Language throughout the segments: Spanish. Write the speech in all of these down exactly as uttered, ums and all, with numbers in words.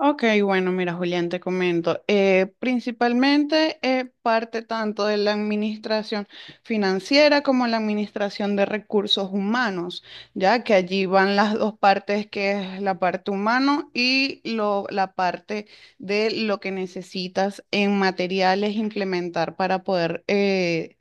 Ok, bueno, mira, Julián, te comento. Eh, principalmente eh, parte tanto de la administración financiera como la administración de recursos humanos, ya que allí van las dos partes, que es la parte humano y lo- la parte de lo que necesitas en materiales implementar para poder eh,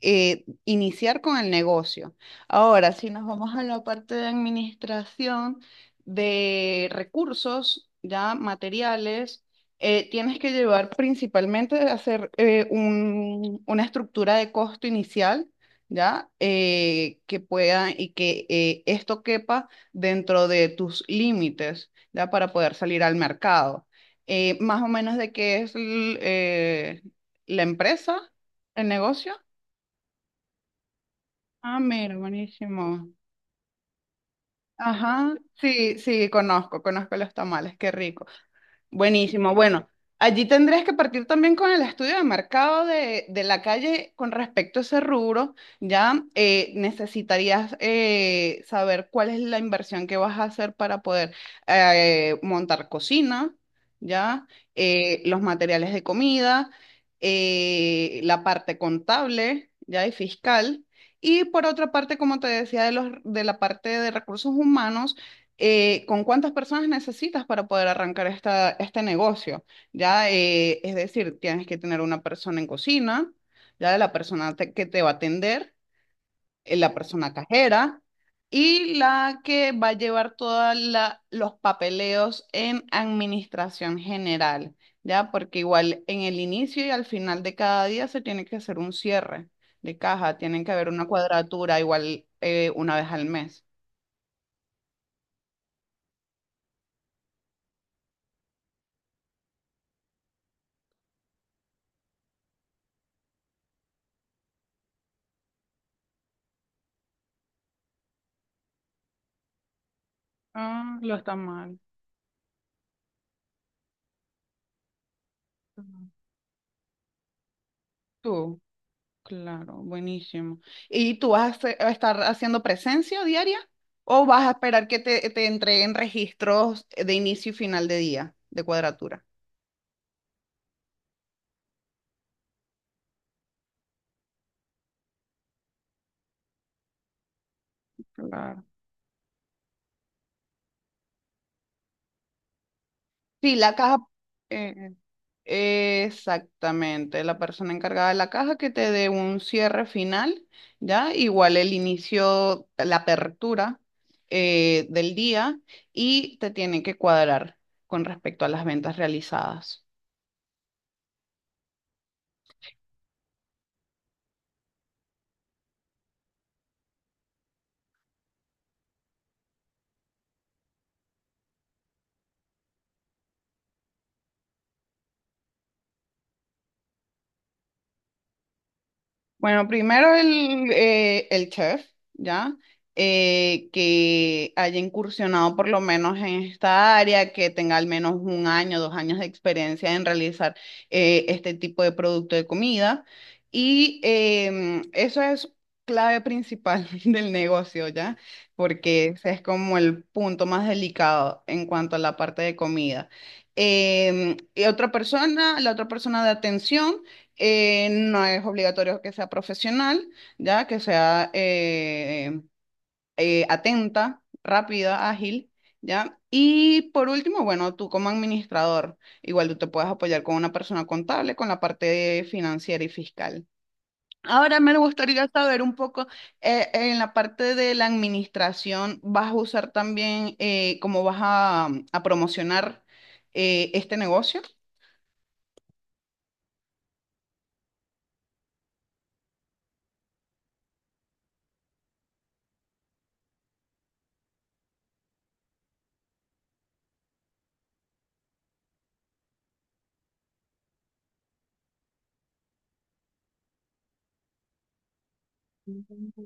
eh, iniciar con el negocio. Ahora, si nos vamos a la parte de administración de recursos, ya materiales, eh, tienes que llevar principalmente a hacer eh, un- una estructura de costo inicial, ya, eh, que pueda y que eh, esto quepa dentro de tus límites, ya, para poder salir al mercado. Eh, más o menos de qué es l- eh, la empresa, el negocio. Ah, mira, buenísimo. Ajá, sí, sí, conozco, conozco los tamales, qué rico. Buenísimo. Bueno, allí tendrías que partir también con el estudio de mercado de, de la calle con respecto a ese rubro. Ya eh, necesitarías eh, saber cuál es la inversión que vas a hacer para poder eh, montar cocina, ya eh, los materiales de comida, eh, la parte contable, ya y fiscal. Y por otra parte, como te decía, de los, de la parte de recursos humanos, eh, ¿con cuántas personas necesitas para poder arrancar esta, este negocio? Ya, eh, es decir, tienes que tener una persona en cocina, ya de la persona te- que te va a atender eh, la persona cajera y la que va a llevar todos los papeleos en administración general, ¿ya? Porque igual en el inicio y al final de cada día se tiene que hacer un cierre de caja, tienen que haber una cuadratura igual eh, una vez al mes. Ah, lo está mal. Está mal. Tú. Claro, buenísimo. ¿Y tú vas a, hacer- a estar haciendo presencia diaria o vas a esperar que te, te entreguen registros de inicio y final de día de cuadratura? Claro. Sí, la caja, eh, exactamente, la persona encargada de la caja que te dé un cierre final, ¿ya? Igual el inicio, la apertura eh, del día y te tienen que cuadrar con respecto a las ventas realizadas. Bueno, primero el, eh, el chef, ¿ya? Eh, que haya incursionado por lo menos en esta área, que tenga al menos un año, dos años de experiencia en realizar eh, este tipo de producto de comida. Y em, eso es clave principal del negocio, ¿ya? Porque ese es como el punto más delicado en cuanto a la parte de comida. Em, y otra persona, la otra persona de atención. Eh, no es obligatorio que sea profesional, ya que sea eh, eh, atenta, rápida, ágil, ya. Y por último, bueno, tú como administrador, igual tú te puedes apoyar con una persona contable, con la parte financiera y fiscal. Ahora me gustaría saber un poco, eh, en la parte de la administración, ¿vas a usar también eh, cómo vas a, a promocionar eh, este negocio? Ujú,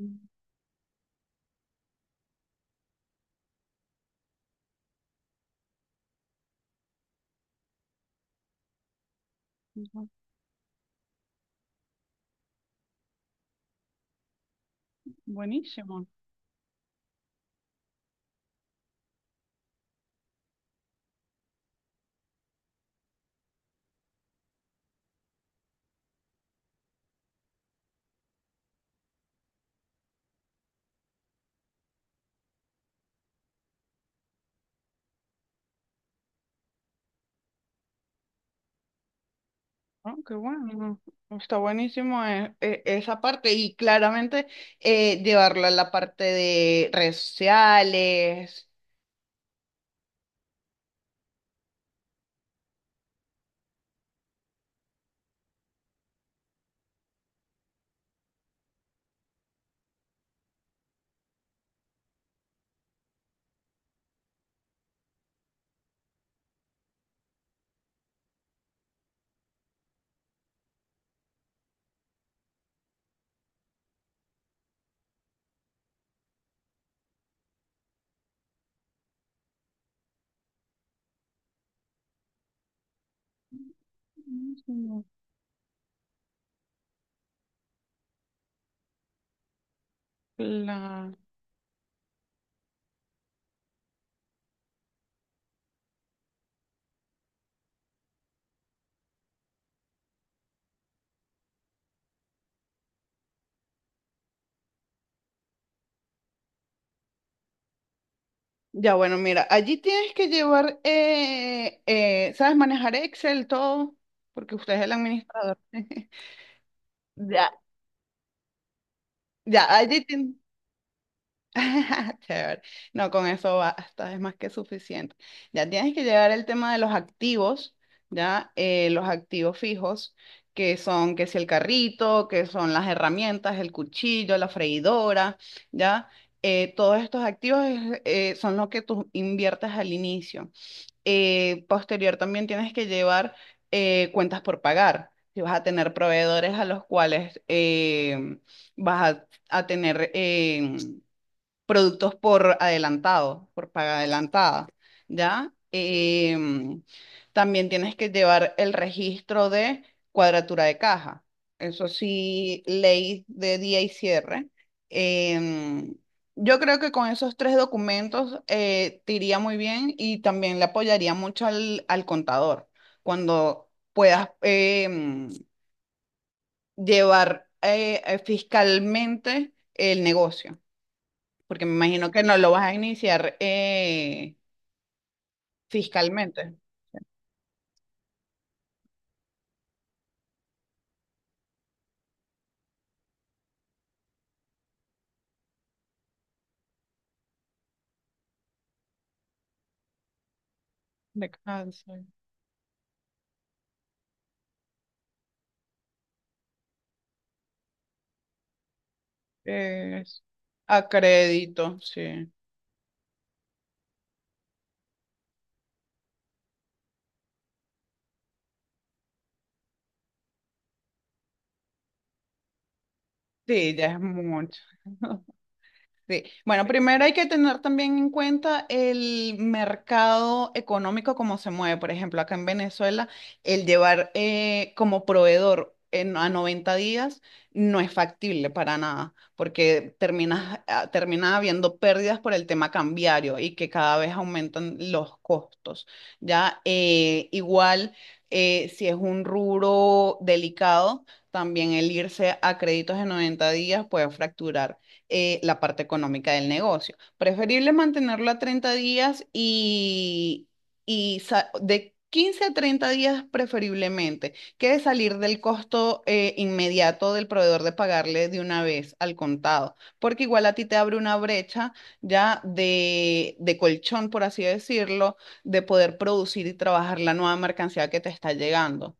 ujú. Buenísimo. Ah, qué bueno, está buenísimo eh, eh, esa parte y claramente eh, llevarlo a la parte de redes sociales. Buenísimo. La- Ya bueno, mira, allí tienes que llevar, eh, eh, ¿sabes manejar Excel, todo? Porque usted es el administrador. Ya, ya, allí, chévere. No, con eso basta, es más que suficiente. Ya tienes que llegar el tema de los activos, ya eh, los activos fijos, que son, que si el carrito, que son las herramientas, el cuchillo, la freidora, ya. Eh, todos estos activos es- eh, son lo que tú inviertes al inicio. Eh, posterior también tienes que llevar eh, cuentas por pagar. Si vas a tener proveedores a los cuales em, vas a, a tener em, productos por adelantado, por paga adelantada, ¿ya? Em, también tienes que llevar el registro de cuadratura de caja. Eso sí, ley de día y cierre. Em, yo creo que con esos tres documentos eh, te iría muy bien y también le apoyaría mucho al, al contador cuando puedas em, llevar eh, eh, fiscalmente el negocio. Porque me imagino que no lo vas a iniciar eh, fiscalmente. Descanso. Es a crédito, sí. Sí, ya es mucho. Sí. Bueno, primero hay que tener también en cuenta el mercado económico, cómo se mueve. Por ejemplo, acá en Venezuela, el llevar eh, como proveedor en, a noventa días no es factible para nada, porque terminas, ah, termina habiendo pérdidas por el tema cambiario y que cada vez aumentan los costos. Ya, eh, igual, eh, si es un rubro delicado, también el irse a créditos de noventa días puede fracturar eh, la parte económica del negocio. Preferible mantenerlo a treinta días y, y sa- de quince a treinta días preferiblemente, que salir del costo eh, inmediato del proveedor de pagarle de una vez al contado, porque igual a ti te abre una brecha ya de, de colchón, por así decirlo, de poder producir y trabajar la nueva mercancía que te está llegando.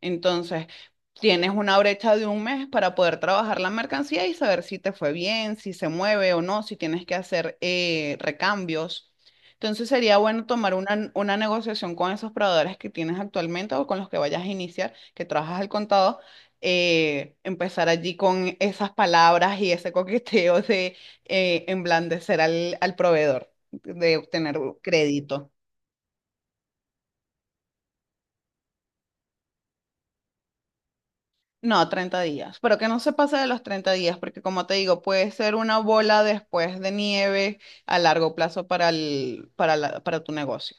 Entonces, tienes una brecha de un mes para poder trabajar la mercancía y saber si te fue bien, si se mueve o no, si tienes que hacer eh, recambios. Entonces, sería bueno tomar una, una negociación con esos proveedores que tienes actualmente o con los que vayas a iniciar, que trabajas al contado. Eh, empezar allí con esas palabras y ese coqueteo de eh, emblandecer al, al proveedor, de obtener crédito. No, treinta días, pero que no se pase de los treinta días, porque como te digo, puede ser una bola después de nieve a largo plazo para el, para la- para tu negocio.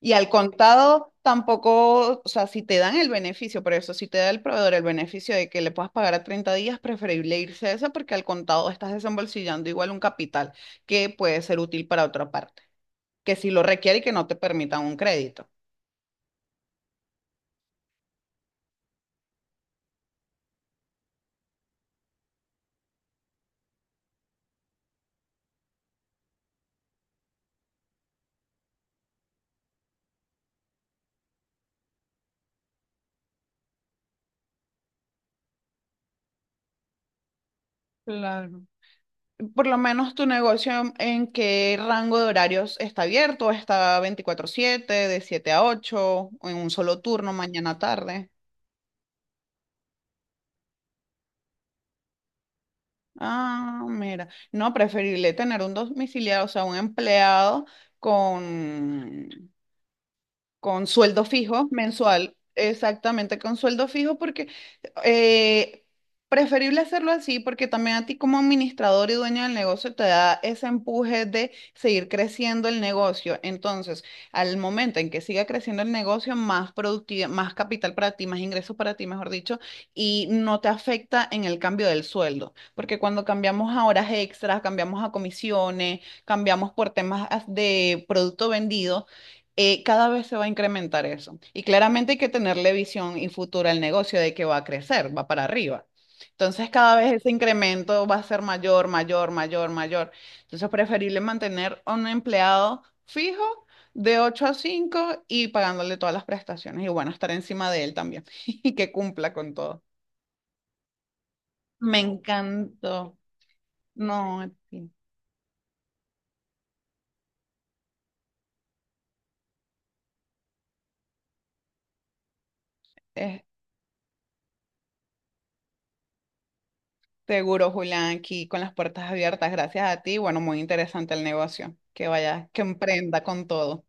Y al contado tampoco, o sea, si te dan el beneficio, pero eso, si te da el proveedor el beneficio de que le puedas pagar a treinta días, preferible irse a esa porque al contado estás desembolsillando igual un capital que puede ser útil para otra parte, que si lo requiere y que no te permitan un crédito. Claro. Por lo menos tu negocio, ¿en qué rango de horarios está abierto? ¿Está veinticuatro siete, de siete a ocho, o en un solo turno, mañana tarde? Ah, mira, no, preferible tener un domiciliado, o sea, un empleado con, con sueldo fijo mensual, exactamente con sueldo fijo, porque eh, preferible hacerlo así, porque también a ti como administrador y dueño del negocio te da ese empuje de seguir creciendo el negocio. Entonces, al momento en que siga creciendo el negocio, más productividad, más capital para ti, más ingresos para ti, mejor dicho, y no te afecta en el cambio del sueldo, porque cuando cambiamos a horas extras, cambiamos a comisiones, cambiamos por temas as- de producto vendido eh, cada vez se va a incrementar eso. Y claramente hay que tenerle visión y futura al negocio de que va a crecer, va para arriba. Entonces, cada vez ese incremento va a ser mayor, mayor, mayor, mayor. Entonces, preferible mantener a un empleado fijo de ocho a cinco y pagándole todas las prestaciones. Y bueno, estar encima de él también y que cumpla con todo. Me encantó. No, en fin, es seguro, Julián, aquí con las puertas abiertas, gracias a ti. Bueno, muy interesante el negocio. Que vaya, que emprenda con todo.